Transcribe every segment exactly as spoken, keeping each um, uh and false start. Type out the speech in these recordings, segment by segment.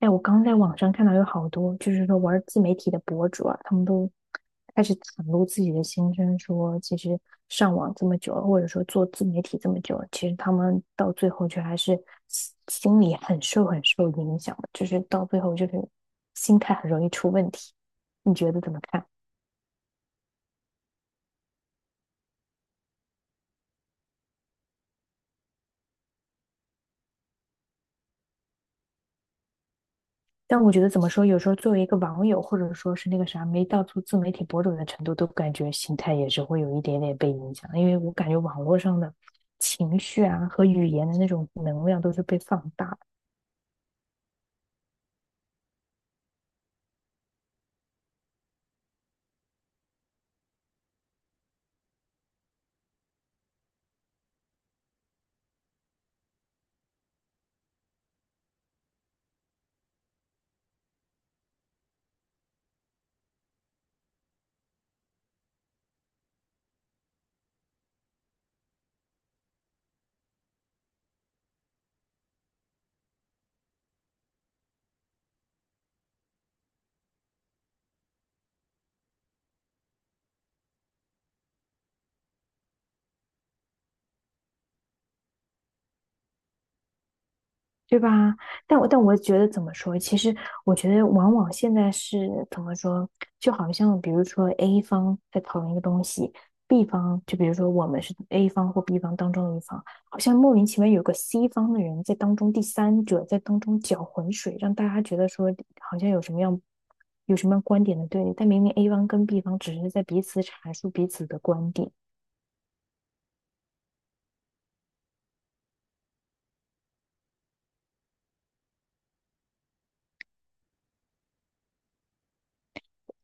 哎，我刚在网上看到有好多，就是说玩自媒体的博主啊，他们都开始袒露自己的心声，说其实上网这么久了，或者说做自媒体这么久了，其实他们到最后却还是心心里很受很受影响的，就是到最后就是心态很容易出问题。你觉得怎么看？但我觉得怎么说，有时候作为一个网友，或者说是那个啥，没到做自媒体博主的程度，都感觉心态也是会有一点点被影响，因为我感觉网络上的情绪啊和语言的那种能量都是被放大的。对吧？但我但我觉得怎么说？其实我觉得往往现在是怎么说？就好像比如说 A 方在讨论一个东西，B 方就比如说我们是 A 方或 B 方当中的一方，好像莫名其妙有个 C 方的人在当中第三者在当中搅浑水，让大家觉得说好像有什么样有什么样观点的对立，但明明 A 方跟 B 方只是在彼此阐述彼此的观点。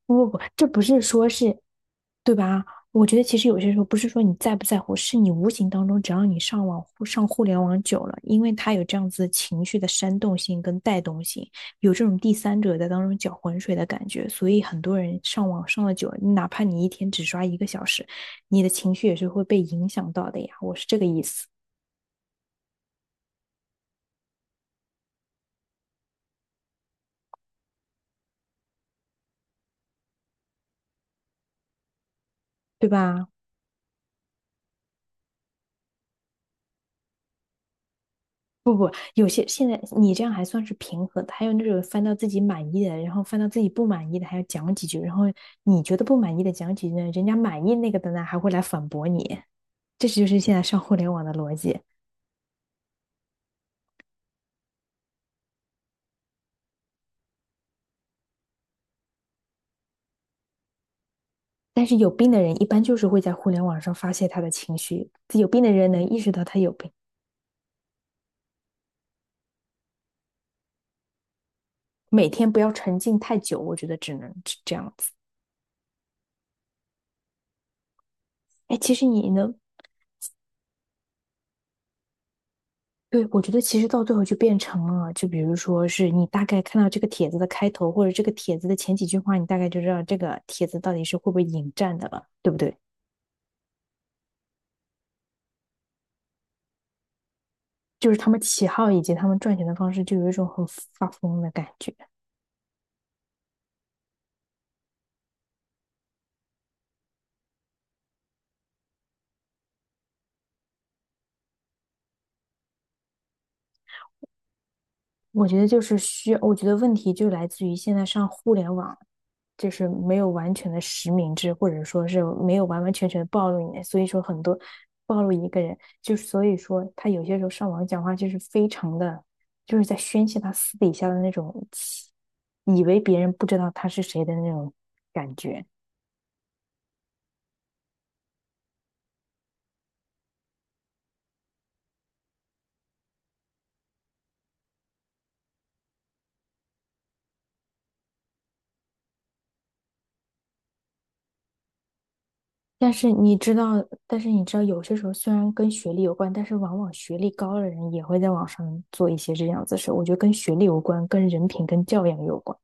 不不不，这不是说是，对吧？我觉得其实有些时候不是说你在不在乎，是你无形当中，只要你上网上互联网久了，因为它有这样子情绪的煽动性跟带动性，有这种第三者在当中搅浑水的感觉，所以很多人上网上了久了，哪怕你一天只刷一个小时，你的情绪也是会被影响到的呀。我是这个意思，对吧？有些现在你这样还算是平和的，还有那种翻到自己满意的，然后翻到自己不满意的，还要讲几句，然后你觉得不满意的讲几句呢，人家满意那个的呢还会来反驳你，这就是现在上互联网的逻辑。但是有病的人一般就是会在互联网上发泄他的情绪，有病的人能意识到他有病，每天不要沉浸太久，我觉得只能这样子。哎，其实你呢？对，我觉得其实到最后就变成了，就比如说是你大概看到这个帖子的开头，或者这个帖子的前几句话，你大概就知道这个帖子到底是会不会引战的了，对不对？就是他们起号以及他们赚钱的方式，就有一种很发疯的感觉。我觉得就是需要，我觉得问题就来自于现在上互联网，就是没有完全的实名制，或者说是没有完完全全的暴露你，所以说很多暴露一个人，就所以说他有些时候上网讲话就是非常的，就是在宣泄他私底下的那种，以为别人不知道他是谁的那种感觉。但是你知道，但是你知道，有些时候虽然跟学历有关，但是往往学历高的人也会在网上做一些这样子的事。我觉得跟学历有关，跟人品、跟教养有关。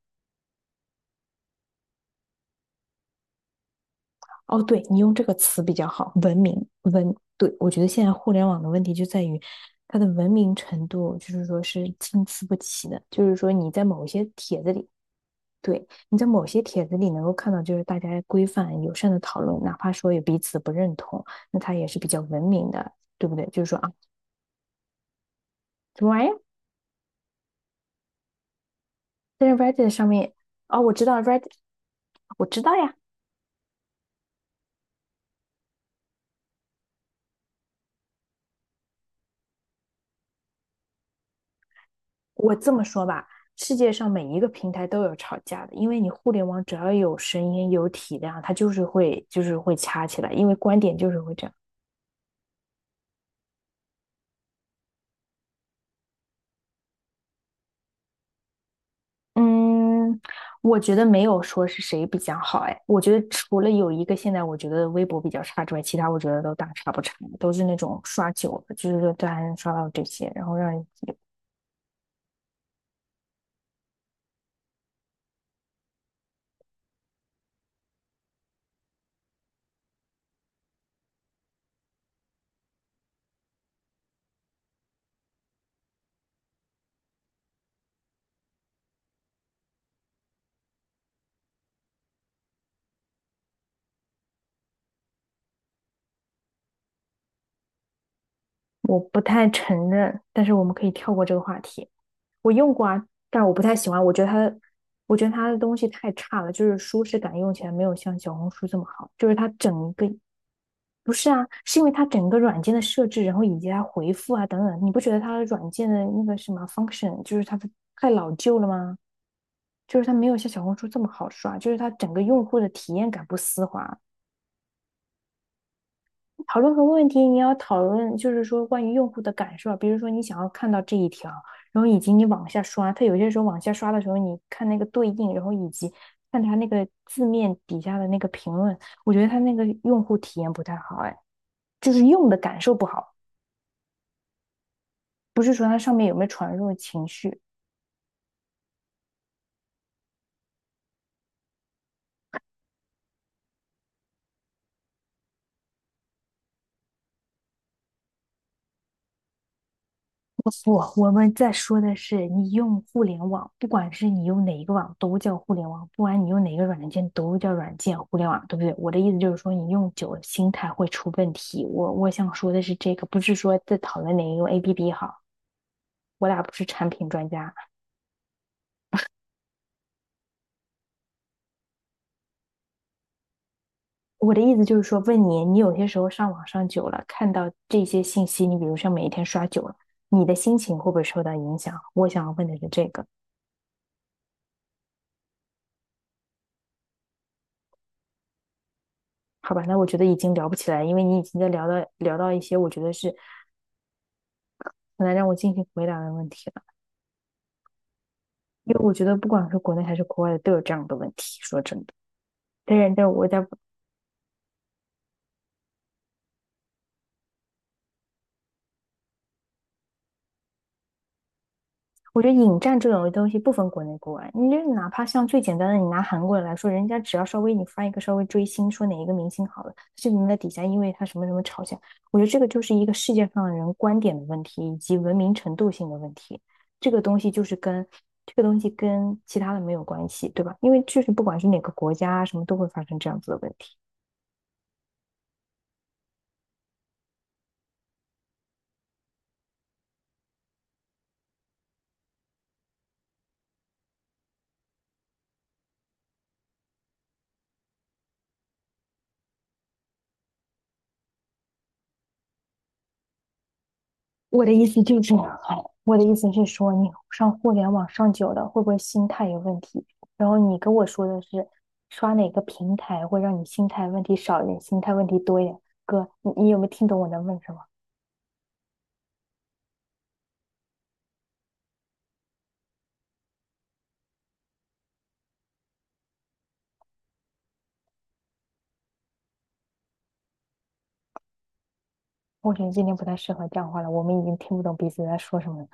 哦，对，你用这个词比较好，文明文。对，我觉得现在互联网的问题就在于它的文明程度，就是说是参差不齐的。就是说你在某些帖子里，对，你在某些帖子里能够看到，就是大家规范友善的讨论，哪怕说有彼此不认同，那它也是比较文明的，对不对？就是说啊。什么玩意？儿？但是 Reddit 上面，哦，我知道 Reddit，我知道呀。我这么说吧，世界上每一个平台都有吵架的，因为你互联网只要有声音、有体量，它就是会就是会掐起来，因为观点就是会这样。嗯，我觉得没有说是谁比较好，哎，我觉得除了有一个现在我觉得微博比较差之外，其他我觉得都大差不差，都是那种刷久了，就是说都还能刷到这些，然后让人……我不太承认，但是我们可以跳过这个话题。我用过啊，但我不太喜欢，我觉得它……我觉得它的东西太差了，就是舒适感用起来没有像小红书这么好，就是它整一个，不是啊，是因为它整个软件的设置，然后以及它回复啊等等，你不觉得它的软件的那个什么 function，就是它的太老旧了吗？就是它没有像小红书这么好刷，就是它整个用户的体验感不丝滑，讨论多问题，你要讨论就是说关于用户的感受啊，比如说你想要看到这一条，然后以及你往下刷，它有些时候往下刷的时候，你看那个对应，然后以及看它那个字面底下的那个评论，我觉得它那个用户体验不太好，哎，就是用的感受不好，不是说它上面有没有传入情绪。不，我们在说的是你用互联网，不管是你用哪一个网都叫互联网，不管你用哪个软件都叫软件互联网，对不对？我的意思就是说，你用久了心态会出问题。我我想说的是这个，不是说在讨论哪一个 A P P 好，我俩不是产品专家。我的意思就是说，问你，你有些时候上网上久了，看到这些信息，你比如像每一天刷久了，你的心情会不会受到影响？我想要问的是这个。好吧，那我觉得已经聊不起来，因为你已经在聊到聊到一些我觉得是很难让我进行回答的问题了，因为我觉得不管是国内还是国外的都有这样的问题。说真的，但是但是我在……我觉得引战这种东西不分国内国外，你就哪怕像最简单的，你拿韩国人来说，人家只要稍微你发一个稍微追星，说哪一个明星好了，就能在底下因为他什么什么吵架。我觉得这个就是一个世界上的人观点的问题，以及文明程度性的问题。这个东西就是跟这个东西跟其他的没有关系，对吧？因为就是不管是哪个国家啊，什么都会发生这样子的问题。我的意思就是，我的意思是说，你上互联网上久了，会不会心态有问题？然后你跟我说的是，刷哪个平台会让你心态问题少一点，心态问题多一点？哥，你你有没有听懂我在问什么？我觉得今天不太适合讲话了，我们已经听不懂彼此在说什么了。